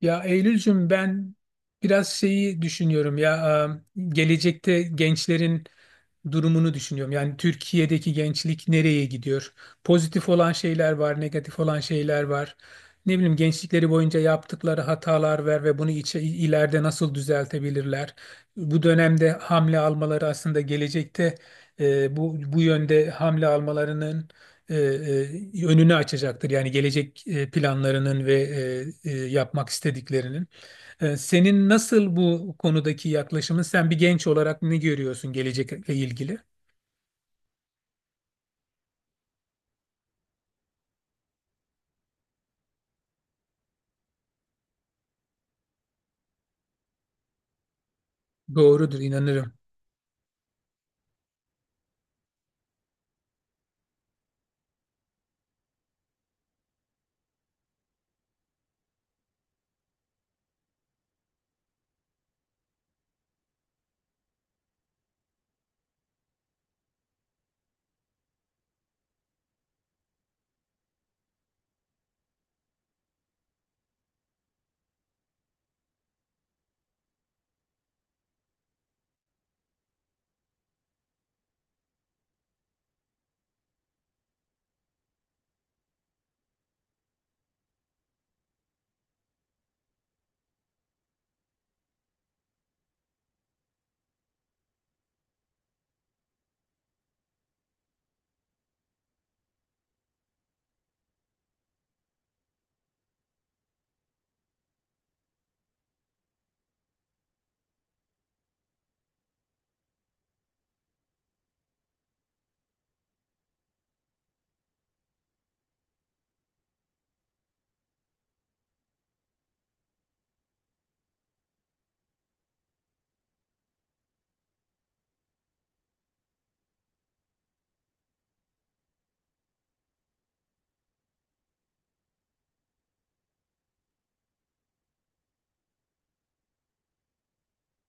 Ya Eylülcüm ben biraz şeyi düşünüyorum ya. Gelecekte gençlerin durumunu düşünüyorum. Yani Türkiye'deki gençlik nereye gidiyor? Pozitif olan şeyler var, negatif olan şeyler var. Ne bileyim, gençlikleri boyunca yaptıkları hatalar var ve bunu ileride nasıl düzeltebilirler? Bu dönemde hamle almaları aslında gelecekte bu yönde hamle almalarının e, önünü açacaktır. Yani gelecek planlarının ve yapmak istediklerinin. E, senin nasıl bu konudaki yaklaşımın? Sen bir genç olarak ne görüyorsun gelecekle ilgili? Doğrudur, inanırım.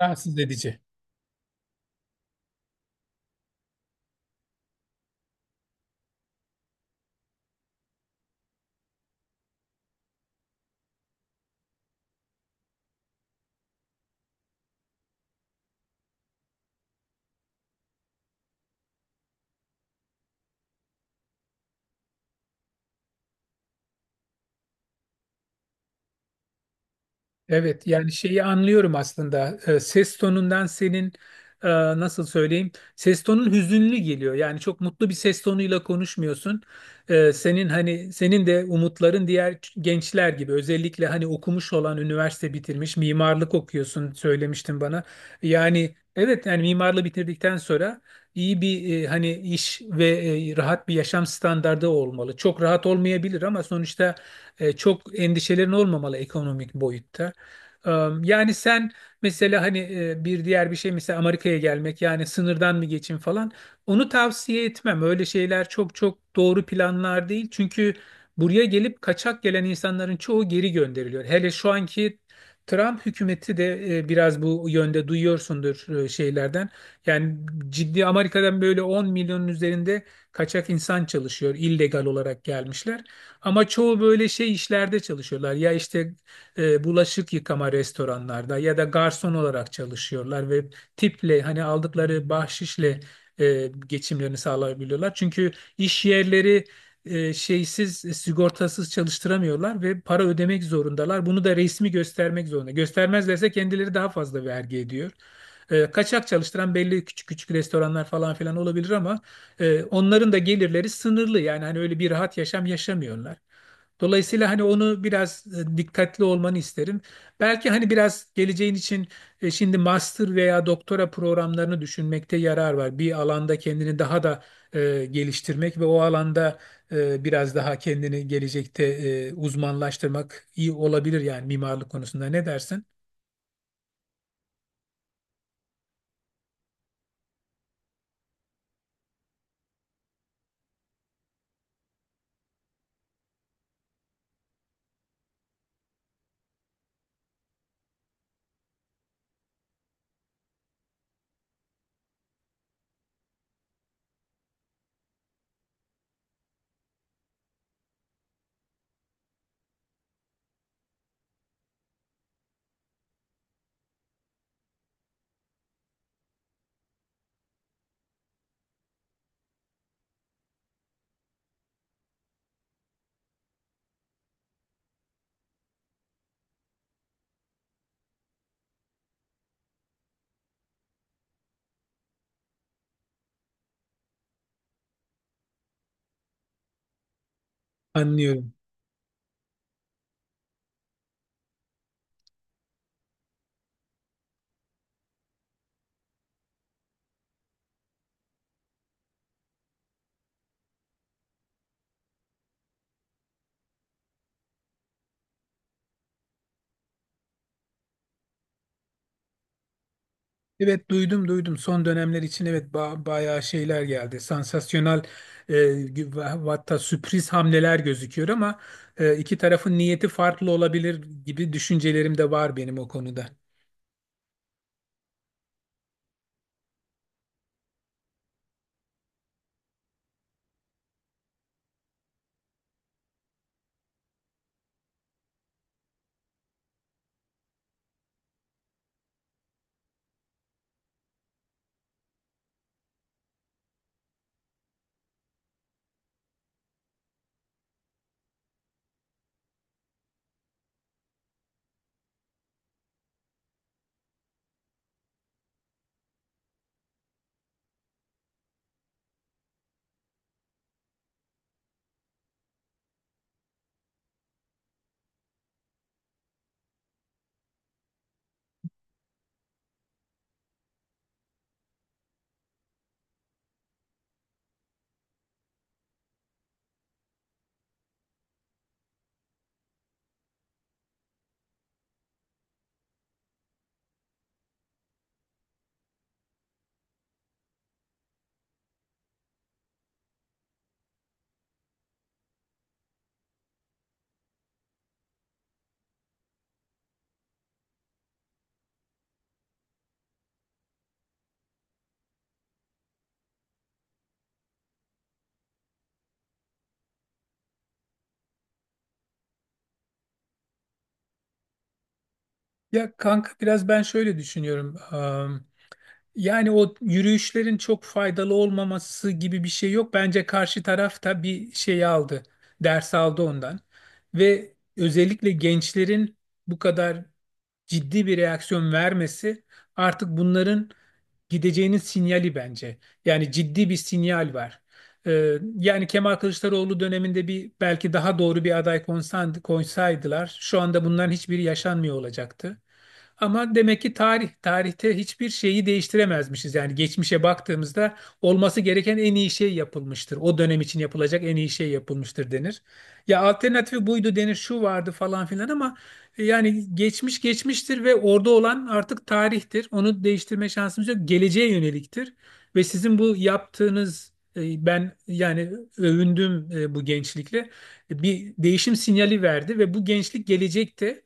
Rahatsız edici. Evet yani şeyi anlıyorum aslında. Ses tonundan senin, nasıl söyleyeyim, ses tonun hüzünlü geliyor, yani çok mutlu bir ses tonuyla konuşmuyorsun. Senin hani, senin de umutların diğer gençler gibi, özellikle hani okumuş olan, üniversite bitirmiş, mimarlık okuyorsun, söylemiştin bana. Yani evet, yani mimarlığı bitirdikten sonra iyi bir hani iş ve rahat bir yaşam standardı olmalı, çok rahat olmayabilir ama sonuçta çok endişelerin olmamalı ekonomik boyutta. Ee, Yani sen mesela hani, bir diğer bir şey mesela Amerika'ya gelmek, yani sınırdan mı geçin falan, onu tavsiye etmem. Öyle şeyler çok çok doğru planlar değil. Çünkü buraya gelip kaçak gelen insanların çoğu geri gönderiliyor. Hele şu anki Trump hükümeti de biraz bu yönde duyuyorsundur şeylerden. Yani ciddi, Amerika'dan böyle 10 milyonun üzerinde kaçak insan çalışıyor. Illegal olarak gelmişler. Ama çoğu böyle şey işlerde çalışıyorlar. Ya işte bulaşık yıkama, restoranlarda ya da garson olarak çalışıyorlar ve tiple hani aldıkları bahşişle geçimlerini sağlayabiliyorlar. Çünkü iş yerleri şeysiz, sigortasız çalıştıramıyorlar ve para ödemek zorundalar. Bunu da resmi göstermek zorunda. Göstermezlerse kendileri daha fazla vergi ediyor. Kaçak çalıştıran belli küçük küçük restoranlar falan filan olabilir ama onların da gelirleri sınırlı. Yani hani öyle bir rahat yaşam yaşamıyorlar. Dolayısıyla hani onu biraz, dikkatli olmanı isterim. Belki hani biraz geleceğin için şimdi master veya doktora programlarını düşünmekte yarar var. Bir alanda kendini daha da geliştirmek ve o alanda biraz daha kendini gelecekte uzmanlaştırmak iyi olabilir, yani mimarlık konusunda. Ne dersin? Anlıyorum. Evet, duydum duydum, son dönemler için evet, bayağı şeyler geldi, sansasyonel ve hatta sürpriz hamleler gözüküyor ama iki tarafın niyeti farklı olabilir gibi düşüncelerim de var benim o konuda. Ya kanka, biraz ben şöyle düşünüyorum. Yani o yürüyüşlerin çok faydalı olmaması gibi bir şey yok, bence karşı taraf da bir şey aldı, ders aldı ondan. Ve özellikle gençlerin bu kadar ciddi bir reaksiyon vermesi artık bunların gideceğinin sinyali bence. Yani ciddi bir sinyal var. Yani Kemal Kılıçdaroğlu döneminde bir belki daha doğru bir aday koysaydılar şu anda bunların hiçbiri yaşanmıyor olacaktı. Ama demek ki tarihte hiçbir şeyi değiştiremezmişiz. Yani geçmişe baktığımızda olması gereken en iyi şey yapılmıştır. O dönem için yapılacak en iyi şey yapılmıştır denir. Ya alternatifi buydu denir, şu vardı falan filan ama yani geçmiş geçmiştir ve orada olan artık tarihtir. Onu değiştirme şansımız yok. Geleceğe yöneliktir. Ve sizin bu yaptığınız, ben yani övündüm bu gençlikle. E, bir değişim sinyali verdi ve bu gençlik gelecekte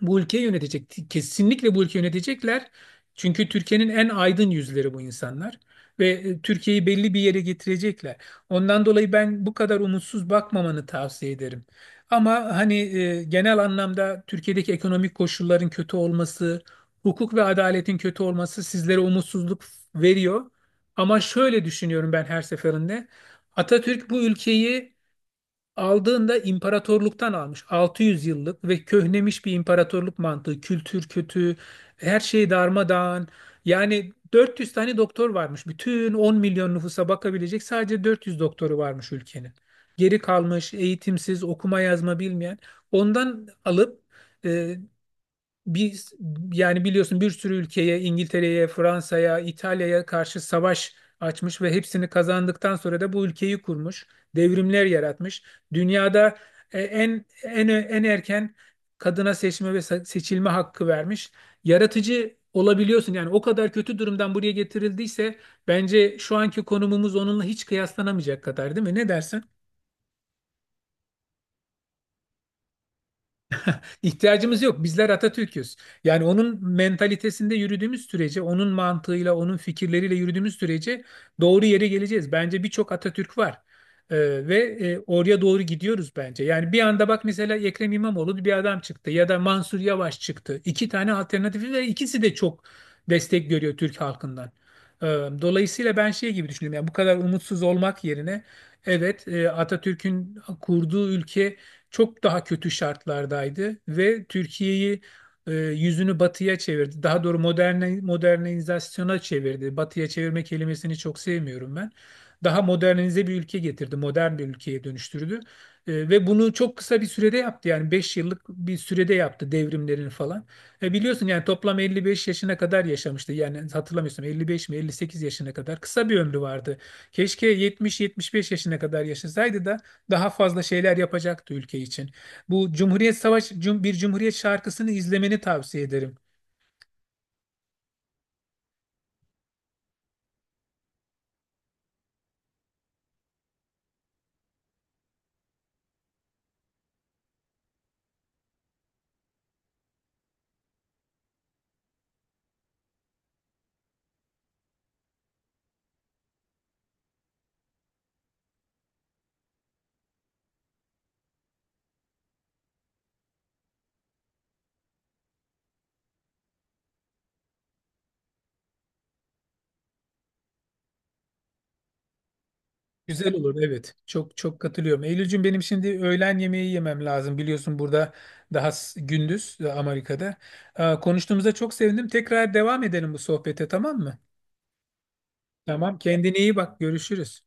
bu ülkeyi yönetecek. Kesinlikle bu ülkeyi yönetecekler. Çünkü Türkiye'nin en aydın yüzleri bu insanlar. Ve Türkiye'yi belli bir yere getirecekler. Ondan dolayı ben bu kadar umutsuz bakmamanı tavsiye ederim. Ama hani genel anlamda Türkiye'deki ekonomik koşulların kötü olması, hukuk ve adaletin kötü olması sizlere umutsuzluk veriyor. Ama şöyle düşünüyorum ben her seferinde. Atatürk bu ülkeyi aldığında imparatorluktan almış. 600 yıllık ve köhnemiş bir imparatorluk mantığı. Kültür kötü, her şey darmadağın. Yani 400 tane doktor varmış. Bütün 10 milyon nüfusa bakabilecek sadece 400 doktoru varmış ülkenin. Geri kalmış, eğitimsiz, okuma yazma bilmeyen. Ondan alıp, e, bir yani biliyorsun, bir sürü ülkeye, İngiltere'ye, Fransa'ya, İtalya'ya karşı savaş açmış ve hepsini kazandıktan sonra da bu ülkeyi kurmuş, devrimler yaratmış. Dünyada en erken kadına seçme ve seçilme hakkı vermiş. Yaratıcı olabiliyorsun, yani o kadar kötü durumdan buraya getirildiyse bence şu anki konumumuz onunla hiç kıyaslanamayacak kadar, değil mi? Ne dersin? İhtiyacımız yok. Bizler Atatürk'üz. Yani onun mentalitesinde yürüdüğümüz sürece, onun mantığıyla, onun fikirleriyle yürüdüğümüz sürece doğru yere geleceğiz. Bence birçok Atatürk var. Ee, Ve oraya doğru gidiyoruz bence. Yani bir anda bak, mesela Ekrem İmamoğlu bir adam çıktı ya da Mansur Yavaş çıktı. İki tane alternatifi ve ikisi de çok destek görüyor Türk halkından. Ee, Dolayısıyla ben şey gibi düşünüyorum. Yani bu kadar umutsuz olmak yerine, evet, Atatürk'ün kurduğu ülke çok daha kötü şartlardaydı ve Türkiye'yi, yüzünü batıya çevirdi. Daha doğru moderne, modernizasyona çevirdi. Batıya çevirme kelimesini çok sevmiyorum ben. Daha modernize bir ülke getirdi, modern bir ülkeye dönüştürdü. Ve bunu çok kısa bir sürede yaptı. Yani 5 yıllık bir sürede yaptı devrimlerini falan. Biliyorsun yani, toplam 55 yaşına kadar yaşamıştı. Yani hatırlamıyorsam 55 mi 58 yaşına kadar, kısa bir ömrü vardı. Keşke 70-75 yaşına kadar yaşasaydı da daha fazla şeyler yapacaktı ülke için. Bu Cumhuriyet Savaşı, bir Cumhuriyet şarkısını izlemeni tavsiye ederim. Güzel olur, evet. Çok çok katılıyorum. Eylülcüm benim, şimdi öğlen yemeği yemem lazım. Biliyorsun burada daha gündüz, Amerika'da. Konuştuğumuza çok sevindim. Tekrar devam edelim bu sohbete, tamam mı? Tamam. Kendine iyi bak. Görüşürüz.